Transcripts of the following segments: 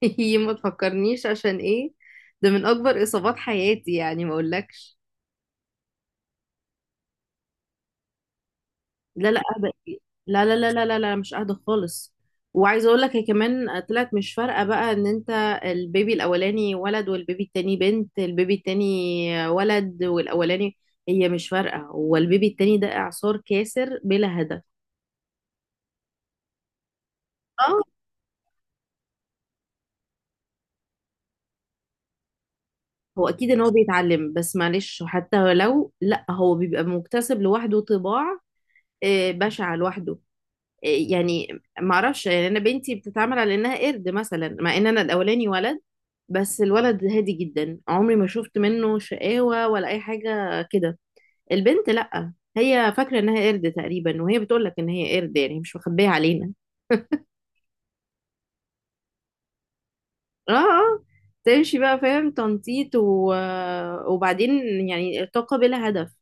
يي، ما تفكرنيش عشان ايه. ده من اكبر اصابات حياتي، يعني ما اقولكش. لا لا، اهدى. لا لا لا لا لا لا، مش اهدى خالص. وعايزه اقول لك هي كمان طلعت مش فارقه، بقى ان انت البيبي الاولاني ولد والبيبي التاني بنت. البيبي التاني ولد والاولاني. هي مش فارقه، هو البيبي التاني ده اعصار كاسر بلا هدف. اه، هو اكيد ان هو بيتعلم، بس معلش حتى لو لا هو بيبقى مكتسب لوحده طباع، بشعه لوحده يعني. ما اعرفش يعني، انا بنتي بتتعامل على انها قرد مثلا، مع ان انا الاولاني ولد بس الولد هادي جدا، عمري ما شفت منه شقاوة ولا اي حاجة كده. البنت لا، هي فاكرة انها قرد تقريبا، وهي بتقول لك ان هي قرد يعني، مش مخبية علينا. اه اه. تمشي بقى فاهم، تنطيط وبعدين يعني، طاقة بلا هدف.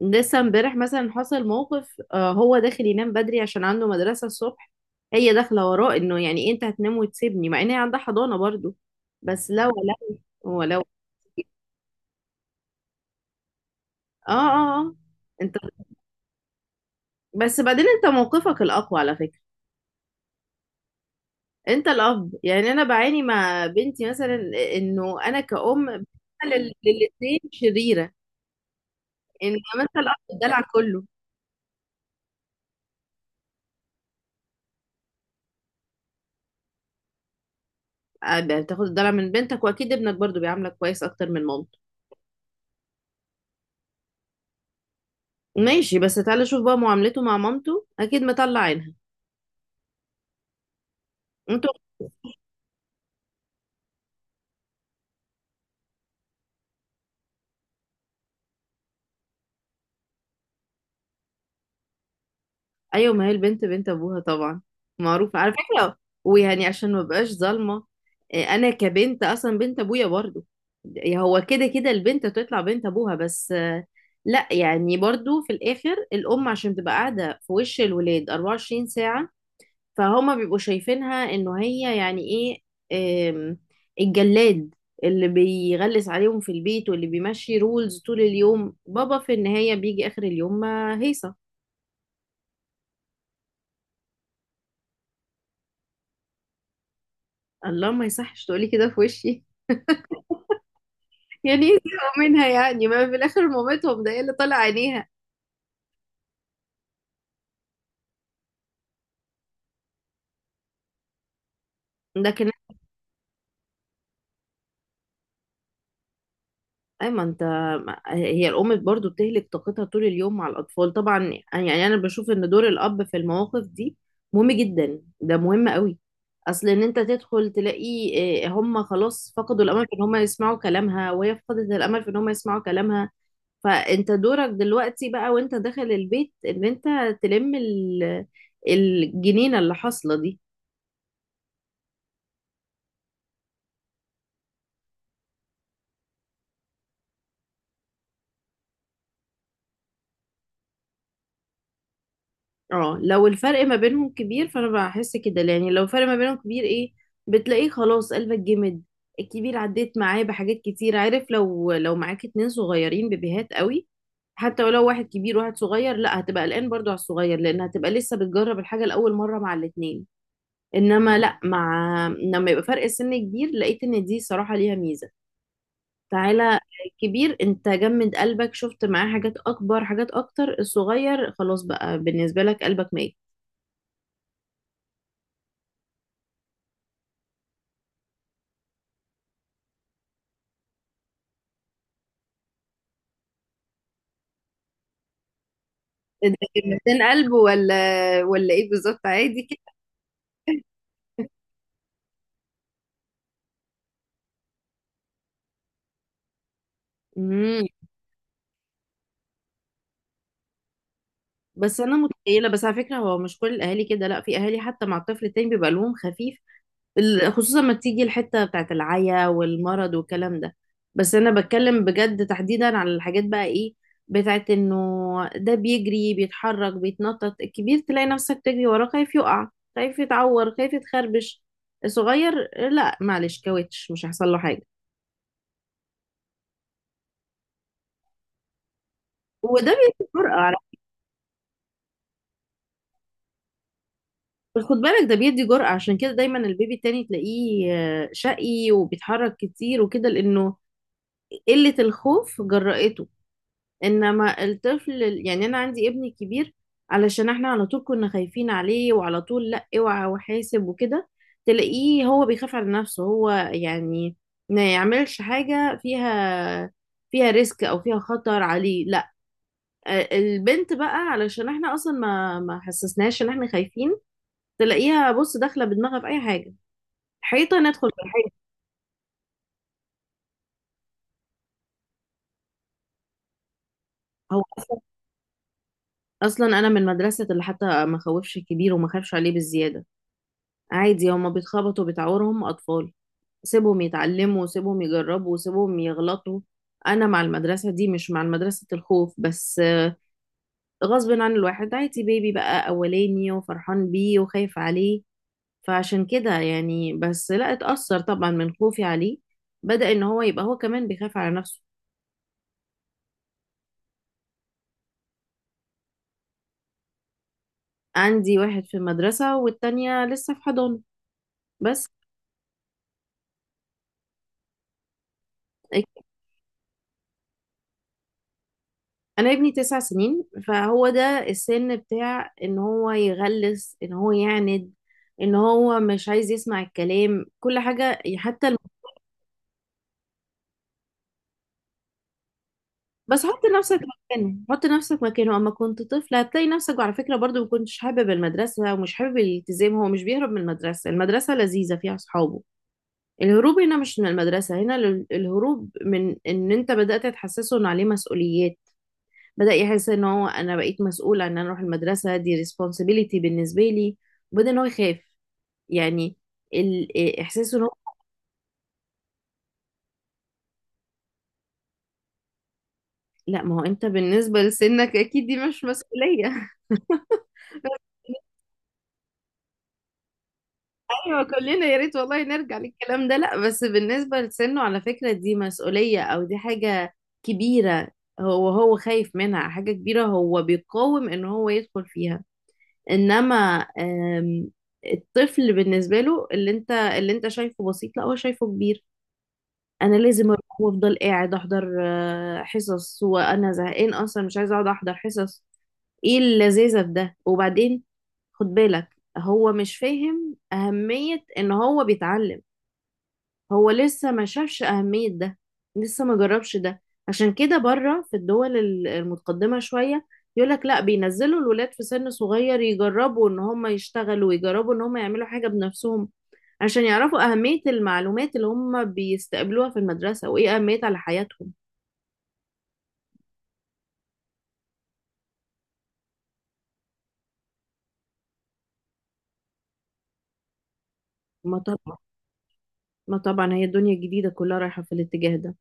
لسه امبارح مثلا حصل موقف، هو داخل ينام بدري عشان عنده مدرسة الصبح، هي داخلة وراه انه يعني انت هتنام وتسيبني، مع ان هي عندها حضانة برضو. بس لا، ولو. اه اه اه. انت... بس بعدين انت موقفك الاقوى على فكرة. انت الاب يعني، انا بعاني مع بنتي مثلا، انه انا كأم بتعمل للاتنين شريرة، ان مثلا الاب الدلع كله. بتاخد الدلع من بنتك، واكيد ابنك برضو بيعاملك كويس اكتر من مامتك. ماشي، بس تعالى شوف بقى معاملته مع مامته اكيد مطلع عينها. انتوا... ايوه، ما هي البنت بنت ابوها طبعا، معروفه على فكره، ويعني عشان ما بقاش ظالمه، إيه، انا كبنت اصلا بنت ابويا برضو. إيه، هو كده كده البنت تطلع بنت ابوها، بس لا يعني برضو في الاخر الام عشان تبقى قاعده في وش الولاد 24 ساعه، فهما بيبقوا شايفينها انه هي يعني ايه، آم، الجلاد اللي بيغلس عليهم في البيت، واللي بيمشي رولز طول اليوم. بابا في النهاية بيجي آخر اليوم ما هيصة. الله، ما يصحش تقولي كده في وشي. يعني ايه زهقوا منها يعني، ما في الآخر مامتهم ده هي اللي طالع عينيها. لكن... اي ما انت، هي الام برضو بتهلك طاقتها طول اليوم مع الاطفال طبعا. يعني انا بشوف ان دور الاب في المواقف دي مهم جدا، ده مهم قوي. اصل ان انت تدخل تلاقي هم خلاص فقدوا الامل في ان هم يسمعوا كلامها، وهي فقدت الامل في ان هم يسمعوا كلامها، فانت دورك دلوقتي بقى وانت داخل البيت ان انت تلم الجنينة اللي حاصلة دي. اه لو الفرق ما بينهم كبير فانا بحس كده، يعني لو الفرق ما بينهم كبير ايه، بتلاقيه خلاص قلبك جمد. الكبير عديت معاه بحاجات كتير، عارف، لو معاك اتنين صغيرين بيبيهات قوي، حتى ولو واحد كبير وواحد صغير لا هتبقى قلقان برضو على الصغير، لان هتبقى لسه بتجرب الحاجة لأول مرة مع الاتنين. انما لا، مع لما يبقى فرق السن كبير لقيت ان دي صراحة ليها ميزة. تعالى، الكبير انت جمد قلبك، شفت معاه حاجات اكبر، حاجات اكتر، الصغير خلاص بقى بالنسبة لك قلبك ميت. ده كان 200 قلب، ولا ولا ايه بالظبط، عادي كده. امم. بس انا متخيله، بس على فكره هو مش كل الاهالي كده، لا في اهالي حتى مع الطفل التاني بيبقى لهم خفيف. خصوصا ما تيجي الحته بتاعت العيا والمرض والكلام ده. بس انا بتكلم بجد تحديدا على الحاجات بقى ايه، بتاعت انه ده بيجري بيتحرك بيتنطط، الكبير تلاقي نفسك تجري وراه خايف يقع، خايف يتعور، خايف يتخربش. الصغير لا، معلش كاوتش مش هيحصل له حاجه. وده بيفرق. بس خد بالك ده بيدي جرأة، عشان كده دايما البيبي التاني تلاقيه شقي وبيتحرك كتير وكده، لأنه قلة الخوف جرأته. إنما الطفل يعني أنا عندي ابني كبير علشان احنا على طول كنا خايفين عليه، وعلى طول لأ اوعى وحاسب وكده، تلاقيه هو بيخاف على نفسه هو يعني، ما يعملش حاجة فيها فيها ريسك أو فيها خطر عليه لأ. البنت بقى علشان احنا أصلا ما حسسناش إن احنا خايفين، تلاقيها بص داخلة بدماغها في أي حاجة، حيطة ندخل بالحيطة. هو أصلاً أنا من مدرسة اللي حتى ما خوفش الكبير وما خافش عليه بالزيادة، عادي هما بيتخبطوا بتعورهم أطفال، سيبهم يتعلموا، سيبهم يجربوا، سيبهم يغلطوا. أنا مع المدرسة دي، مش مع مدرسة الخوف بس. غصب عن الواحد عادي بيبي بقى أولاني وفرحان بيه وخايف عليه، فعشان كده يعني بس لا اتأثر طبعا من خوفي عليه، بدأ إن هو يبقى هو كمان بيخاف على نفسه. عندي واحد في المدرسة والتانية لسه في حضانة بس. انا ابني 9 سنين، فهو ده السن بتاع ان هو يغلس، ان هو يعند، ان هو مش عايز يسمع الكلام كل حاجة بس حط نفسك مكانه، حط نفسك مكانه اما كنت طفل، هتلاقي نفسك وعلى فكرة برضو ما كنتش حابب المدرسة ومش حابب الالتزام. هو مش بيهرب من المدرسة، المدرسة لذيذة فيها اصحابه. الهروب هنا مش من المدرسة، هنا الهروب من ان انت بدأت تحسسه ان عليه مسؤوليات، بدأ يحس ان هو انا بقيت مسؤولة، ان انا اروح المدرسة دي responsibility بالنسبة لي، وبدأ ان هو يخاف يعني ال- إيه، احساسه ان هو... لا، ما هو انت بالنسبة لسنك اكيد دي مش مسؤولية. ايوه كلنا يا ريت والله نرجع للكلام ده. لا بس بالنسبة لسنه على فكرة دي مسؤولية، او دي حاجة كبيرة. هو هو خايف منها حاجة كبيرة، هو بيقاوم ان هو يدخل فيها. انما آم، الطفل بالنسبة له اللي انت شايفه بسيط، لا هو شايفه كبير. انا لازم اروح وافضل قاعد احضر حصص، وانا زهقان اصلا، مش عايزه اقعد احضر حصص، ايه اللذاذه في ده وبعدين. خد بالك، هو مش فاهم اهميه ان هو بيتعلم، هو لسه ما شافش اهميه ده، لسه ما جربش ده. عشان كده بره في الدول المتقدمه شويه، يقولك لا بينزلوا الولاد في سن صغير يجربوا ان هم يشتغلوا ويجربوا ان هم يعملوا حاجه بنفسهم، عشان يعرفوا أهمية المعلومات اللي هم بيستقبلوها في المدرسة وإيه أهميتها على حياتهم. ما طبعا. ما طبعا هي الدنيا الجديدة كلها رايحة في الاتجاه ده.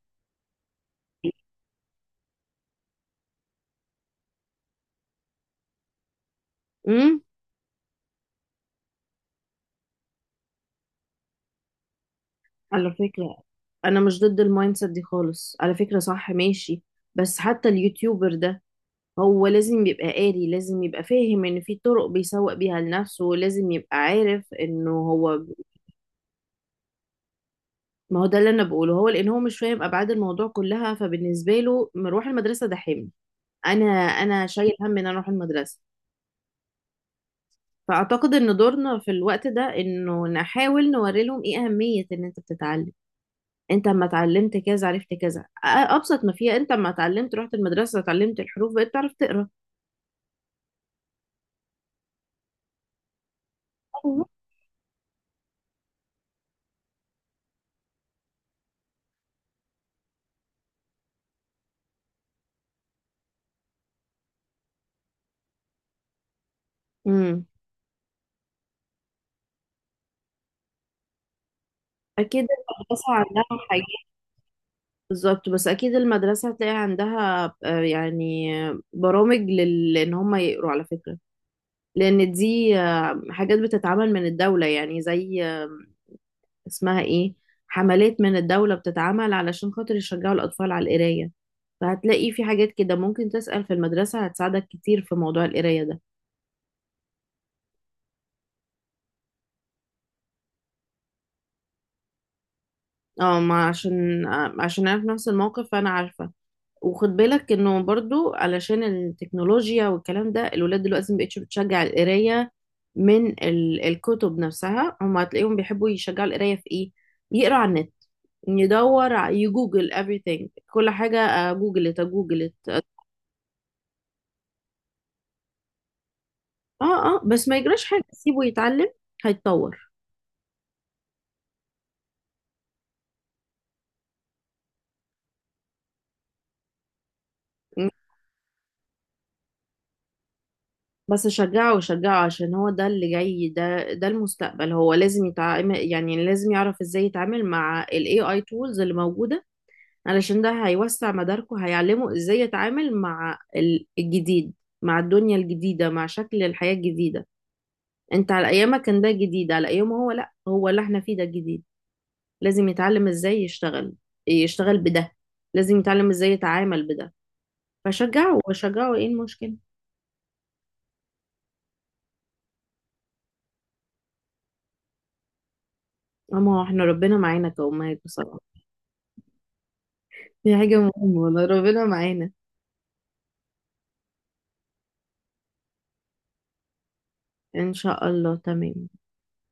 امم. على فكرة أنا مش ضد المايند سيت دي خالص على فكرة، صح ماشي، بس حتى اليوتيوبر ده هو لازم يبقى قاري، لازم يبقى فاهم ان في طرق بيسوق بيها لنفسه، لازم يبقى عارف انه هو... ما هو ده اللي انا بقوله، هو لان هو مش فاهم ابعاد الموضوع كلها، فبالنسبه له مروح المدرسه ده حمل، انا شايل هم ان انا اروح المدرسه. فأعتقد إن دورنا في الوقت ده إنه نحاول نوري لهم إيه أهمية إن أنت بتتعلم. أنت أما اتعلمت كذا عرفت كذا، أبسط ما فيها أنت أما اتعلمت رحت المدرسة اتعلمت الحروف بقيت تعرف تقرأ. أيوة. امم. أكيد المدرسة عندها حاجات. بالظبط، بس أكيد المدرسة هتلاقي عندها يعني برامج إن هم يقروا على فكرة، لأن دي حاجات بتتعمل من الدولة يعني زي اسمها إيه، حملات من الدولة بتتعمل علشان خاطر يشجعوا الأطفال على القراية، فهتلاقي في حاجات كده ممكن تسأل في المدرسة هتساعدك كتير في موضوع القراية ده. اه ما عشان أنا في نفس الموقف فأنا عارفة. وخد بالك انه برضو علشان التكنولوجيا والكلام ده الولاد دلوقتي مبقتش بتشجع القراية من الكتب نفسها، هم هتلاقيهم بيحبوا يشجعوا القراية في ايه، يقرا على النت، يدور يجوجل everything، كل حاجة، جوجلت، جوجلت اه. اه بس ما يجراش حاجة، سيبه يتعلم هيتطور. بس شجعه، شجعه، عشان هو ده اللي جاي، ده المستقبل، هو لازم يتعامل يعني لازم يعرف ازاي يتعامل مع ال AI tools اللي موجودة، علشان ده هيوسع مداركه، هيعلمه ازاي يتعامل مع الجديد، مع الدنيا الجديدة، مع شكل الحياة الجديدة. انت على ايامك كان ده جديد، على ايامه هو لا، هو اللي احنا فيه ده جديد. لازم يتعلم ازاي يشتغل، يشتغل بده، لازم يتعلم ازاي يتعامل بده، فشجعه وشجعه ايه المشكلة. اما هو احنا ربنا معانا كأمهات بصراحة، دي حاجة مهمة والله ربنا معانا. إن شاء الله تمام.